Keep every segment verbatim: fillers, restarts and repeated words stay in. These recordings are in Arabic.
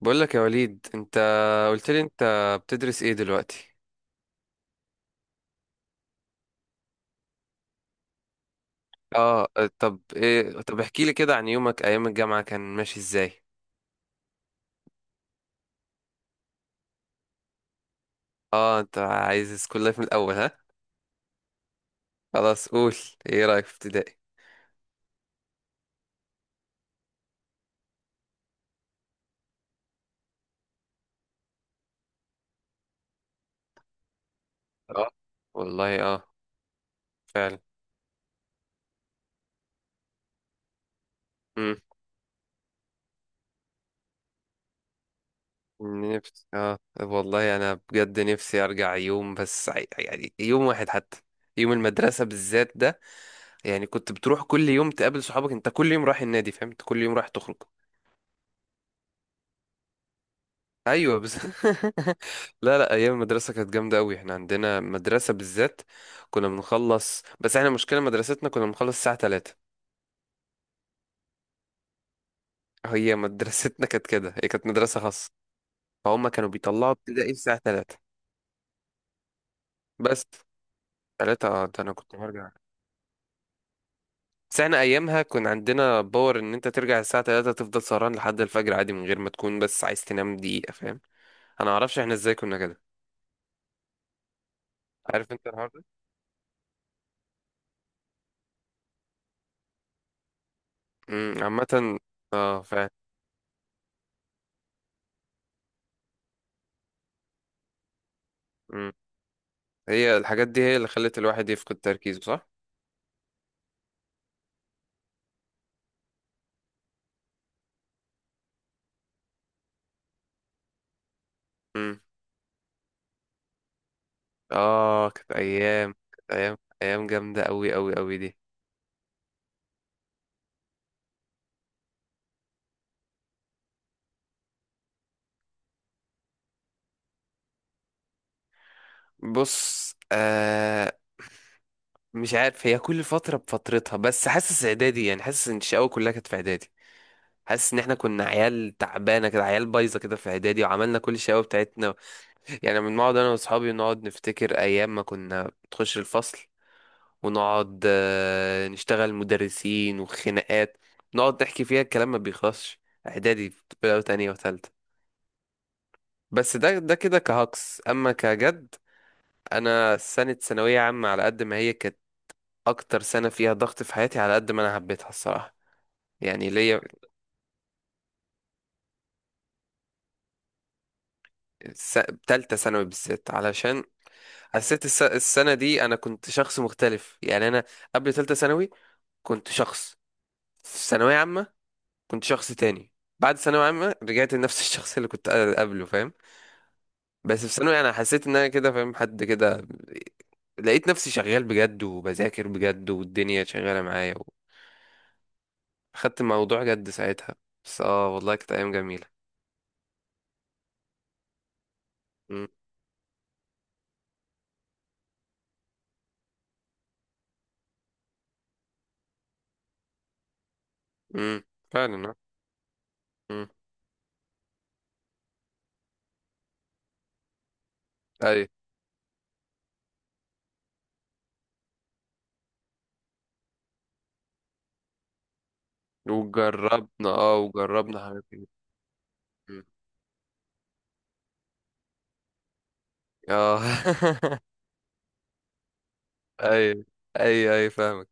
بقول لك يا وليد، انت قلت لي انت بتدرس ايه دلوقتي؟ اه. طب ايه، طب احكي لي كده عن يومك ايام الجامعة، كان ماشي ازاي؟ اه انت عايز سكول لايف من الاول، ها؟ خلاص قول. ايه رأيك في ابتدائي؟ اه والله، اه فعلا. امم نفسي اه والله، انا بجد نفسي ارجع يوم، بس ع- يعني يوم واحد حتى. يوم المدرسة بالذات ده، يعني كنت بتروح كل يوم تقابل صحابك، انت كل يوم رايح النادي فاهم، انت كل يوم رايح تخرج. ايوه بس. لا لا، ايام المدرسه كانت جامده قوي. احنا عندنا مدرسه بالذات كنا بنخلص، بس احنا مشكله مدرستنا كنا بنخلص الساعه ثلاثة. هي مدرستنا كانت كده، هي كانت مدرسه خاصه. فهم كانوا بيطلعوا ابتدائي الساعه ثلاثة. بس ثلاثة، اه ده انا كنت برجع. بس احنا ايامها كان عندنا باور ان انت ترجع الساعه الثالثة تفضل سهران لحد الفجر عادي، من غير ما تكون بس عايز تنام دقيقه، فاهم. انا ما اعرفش احنا ازاي كنا كده. عارف انت الحوار ده. امم عامه اه فعلا. هي الحاجات دي هي اللي خلت الواحد يفقد تركيزه، صح؟ مم. اه كانت ايام، كانت ايام، ايام جامده قوي قوي قوي دي. بص آه، مش عارف، هي كل فتره بفترتها، بس حاسس اعدادي يعني، حاسس ان الشقاوه كلها كانت في اعدادي. حاسس ان احنا كنا عيال تعبانه كده، عيال بايظه كده في اعدادي، وعملنا كل الشقاوه بتاعتنا. يعني بنقعد انا واصحابي نقعد نفتكر ايام ما كنا بتخش الفصل، ونقعد آه، نشتغل مدرسين وخناقات. نقعد نحكي فيها، الكلام ما بيخلصش. اعدادي بقى تانية وتالتة. بس ده ده كده كهكس اما كجد. انا سنة ثانوية عامة، على قد ما هي كانت اكتر سنة فيها ضغط في حياتي، على قد ما انا حبيتها الصراحة. يعني ليا س- تالتة ثانوي بالذات، علشان حسيت الس- السنة دي انا كنت شخص مختلف. يعني انا قبل تالتة ثانوي كنت شخص، في ثانوية عامة كنت شخص تاني، بعد ثانوية عامة رجعت لنفس الشخص اللي كنت قبله، فاهم. بس في ثانوي انا حسيت ان انا كده فاهم حد كده. لقيت نفسي شغال بجد، وبذاكر بجد، والدنيا شغالة معايا. خدت الموضوع جد ساعتها. بس اه والله كانت أيام جميلة. مم. مم. فعلا اه. مم. أي. وجربنا اه وجربنا حاجات كتير. مم. اه أي، أي أي فاهمك.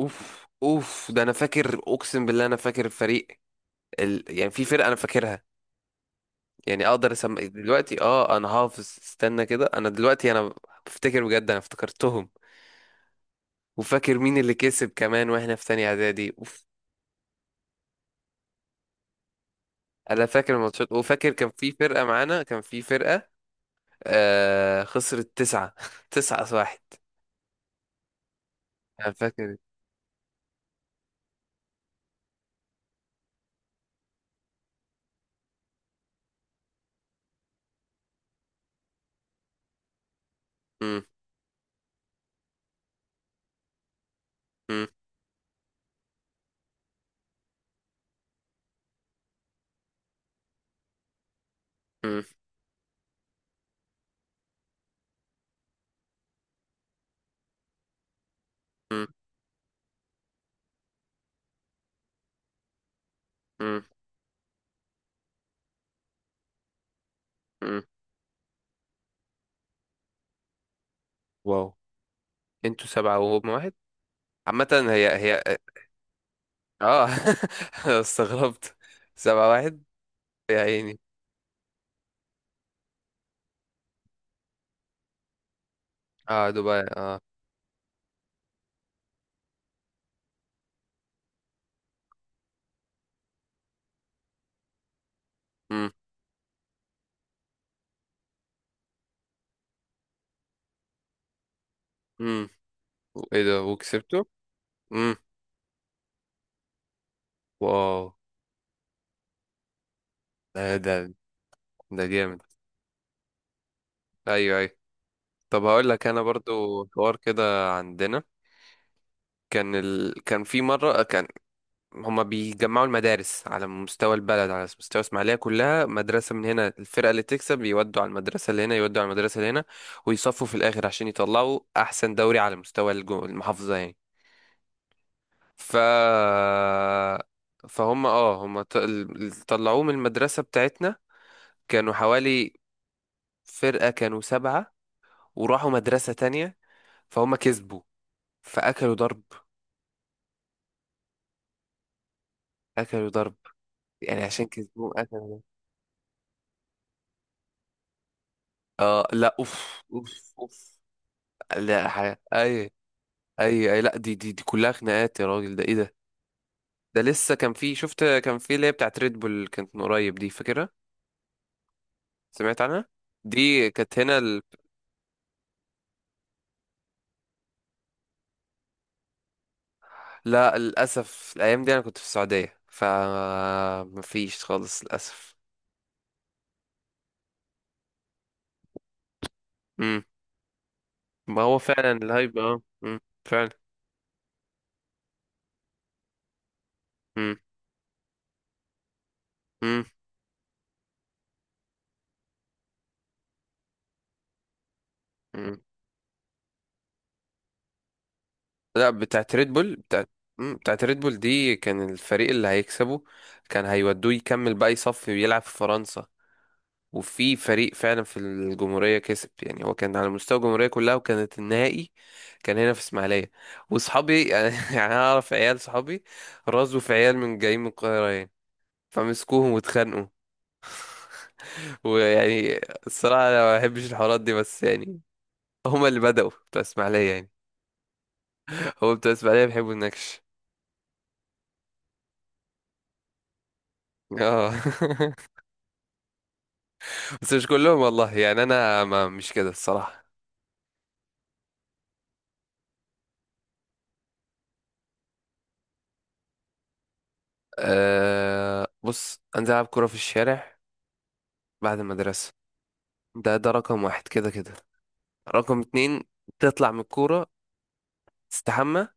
اوف اوف، ده انا فاكر اقسم بالله، انا فاكر الفريق ال... يعني في فرقه انا فاكرها. يعني اقدر اسمع دلوقتي، اه انا حافظ، استنى كده، انا دلوقتي انا بفتكر بجد، انا افتكرتهم. وفاكر مين اللي كسب كمان، واحنا في تانية اعدادي، اوف. انا فاكر الماتشات، وفاكر كان في فرقة معانا، كان في فرقة، آه خسرت تسعة تسعة واحد. انا فاكر. مم، مم، مم، مم، مم، مم. واو، انتوا سبعة وهم واحد؟ عامة هي هي. اه أنا استغربت. سبعة واحد، يا عيني. قعدوا بقى اه. مم، مم. ايه ده، وكسبته؟ امم. واو. ده ده ده جامد. ايوه ايوه. طب هقول لك انا برضو حوار كده عندنا. كان ال... كان في مره، كان هما بيجمعوا المدارس على مستوى البلد، على مستوى اسماعيليه كلها، مدرسه من هنا الفرقه اللي تكسب يودوا على المدرسه اللي هنا، يودوا على المدرسه اللي هنا، ويصفوا في الاخر عشان يطلعوا احسن دوري على مستوى الجو... المحافظه يعني. ف فهم اه، هم ط- ال- طلعوه من المدرسه بتاعتنا. كانوا حوالي فرقه، كانوا سبعه، وراحوا مدرسة تانية. فهم كسبوا، فأكلوا ضرب. أكلوا ضرب، يعني عشان كسبوا أكلوا ضرب. آه لا، أوف أوف أوف. لا حاجة، أي أي أي، لا دي دي دي كلها خناقات يا راجل، ده إيه ده. ده لسه كان في، شفت كان في اللي هي بتاعت ريد بول، كانت من قريب دي، فاكرها؟ سمعت عنها؟ دي كانت هنا ال... لا للأسف، الأيام دي أنا كنت في السعودية، فمفيش خالص للأسف. مم. ما هو فعلا الهايب اه. مم. فعلا. مم. مم. لا بتاعت ريد بول، بتاعت، مم، بتاعت ريد بول دي كان الفريق اللي هيكسبه كان هيودوه يكمل بقى يصفي ويلعب في فرنسا. وفي فريق فعلا في الجمهورية كسب، يعني هو كان على مستوى الجمهورية كلها، وكانت النهائي كان هنا في اسماعيلية. وصحابي يعني انا اعرف عيال صحابي رازوا في عيال من جايين من القاهرة يعني، فمسكوهم واتخانقوا. ويعني الصراحة انا ما بحبش الحوارات دي، بس يعني هما اللي بدأوا، بتوع اسماعيلية يعني، هو بتوع اسماعيلية بيحبوا النكش. اه بس مش كلهم والله يعني، انا ما مش كده الصراحه. أه بص، انزل العب كوره في الشارع بعد المدرسه. ده ده رقم واحد كده كده. رقم اتنين، تطلع من الكوره، تستحمى،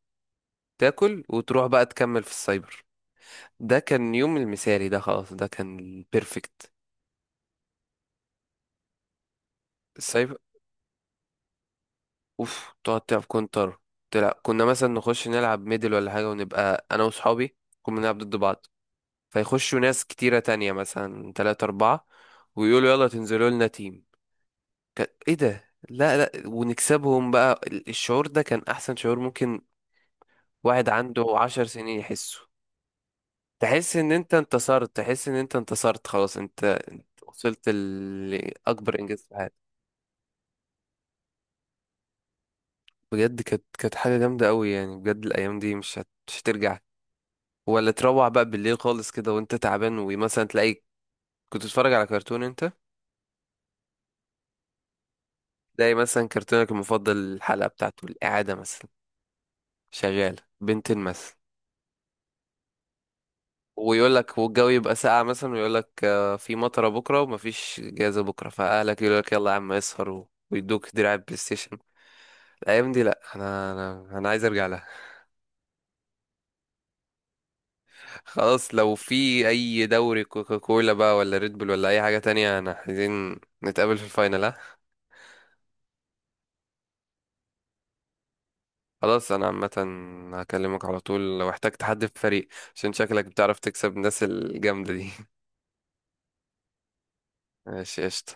تاكل، وتروح بقى تكمل في السايبر. ده كان يوم المثالي، ده خلاص ده كان البيرفكت. السايبر، اوف، تقعد تلعب كونتر، تلعب، كنا مثلا نخش نلعب ميدل ولا حاجه، ونبقى انا وصحابي كنا بنلعب ضد بعض. فيخشوا ناس كتيره تانية، مثلا تلاتة اربعة، ويقولوا يلا تنزلوا لنا تيم. كان ايه ده، لا لا، ونكسبهم بقى. ال- الشعور ده كان احسن شعور ممكن واحد عنده عشر سنين يحسه. تحس ان انت انتصرت، تحس ان انت انتصرت خلاص، انت انت وصلت ل- لاكبر انجاز في حياتك. بجد كانت، كانت حاجه جامده قوي يعني، بجد الايام دي مش هت... مش هترجع. ولا تروح بقى بالليل خالص كده وانت تعبان، ومثلا تلاقي، كنت تتفرج على كرتون انت، تلاقي مثلا كرتونك المفضل الحلقه بتاعته الاعاده مثلا شغاله بنتين مثلا. ويقول لك، والجو يبقى ساقع مثلا، ويقول لك آه، في مطره بكره، ومفيش جايزه بكره، فاهلك يقول لك يلا يا عم اسهر، و- ويدوك دراع بلاي ستيشن. الايام دي لا، انا انا انا عايز ارجع لها. خلاص، لو في اي دوري كوكاكولا بقى ولا ريد بول ولا اي حاجه تانية، انا عايزين نتقابل في الفاينل، ها. خلاص انا عامه هكلمك على طول لو احتجت حد في الفريق، عشان شكلك بتعرف تكسب الناس الجامده دي. ماشي قشطه.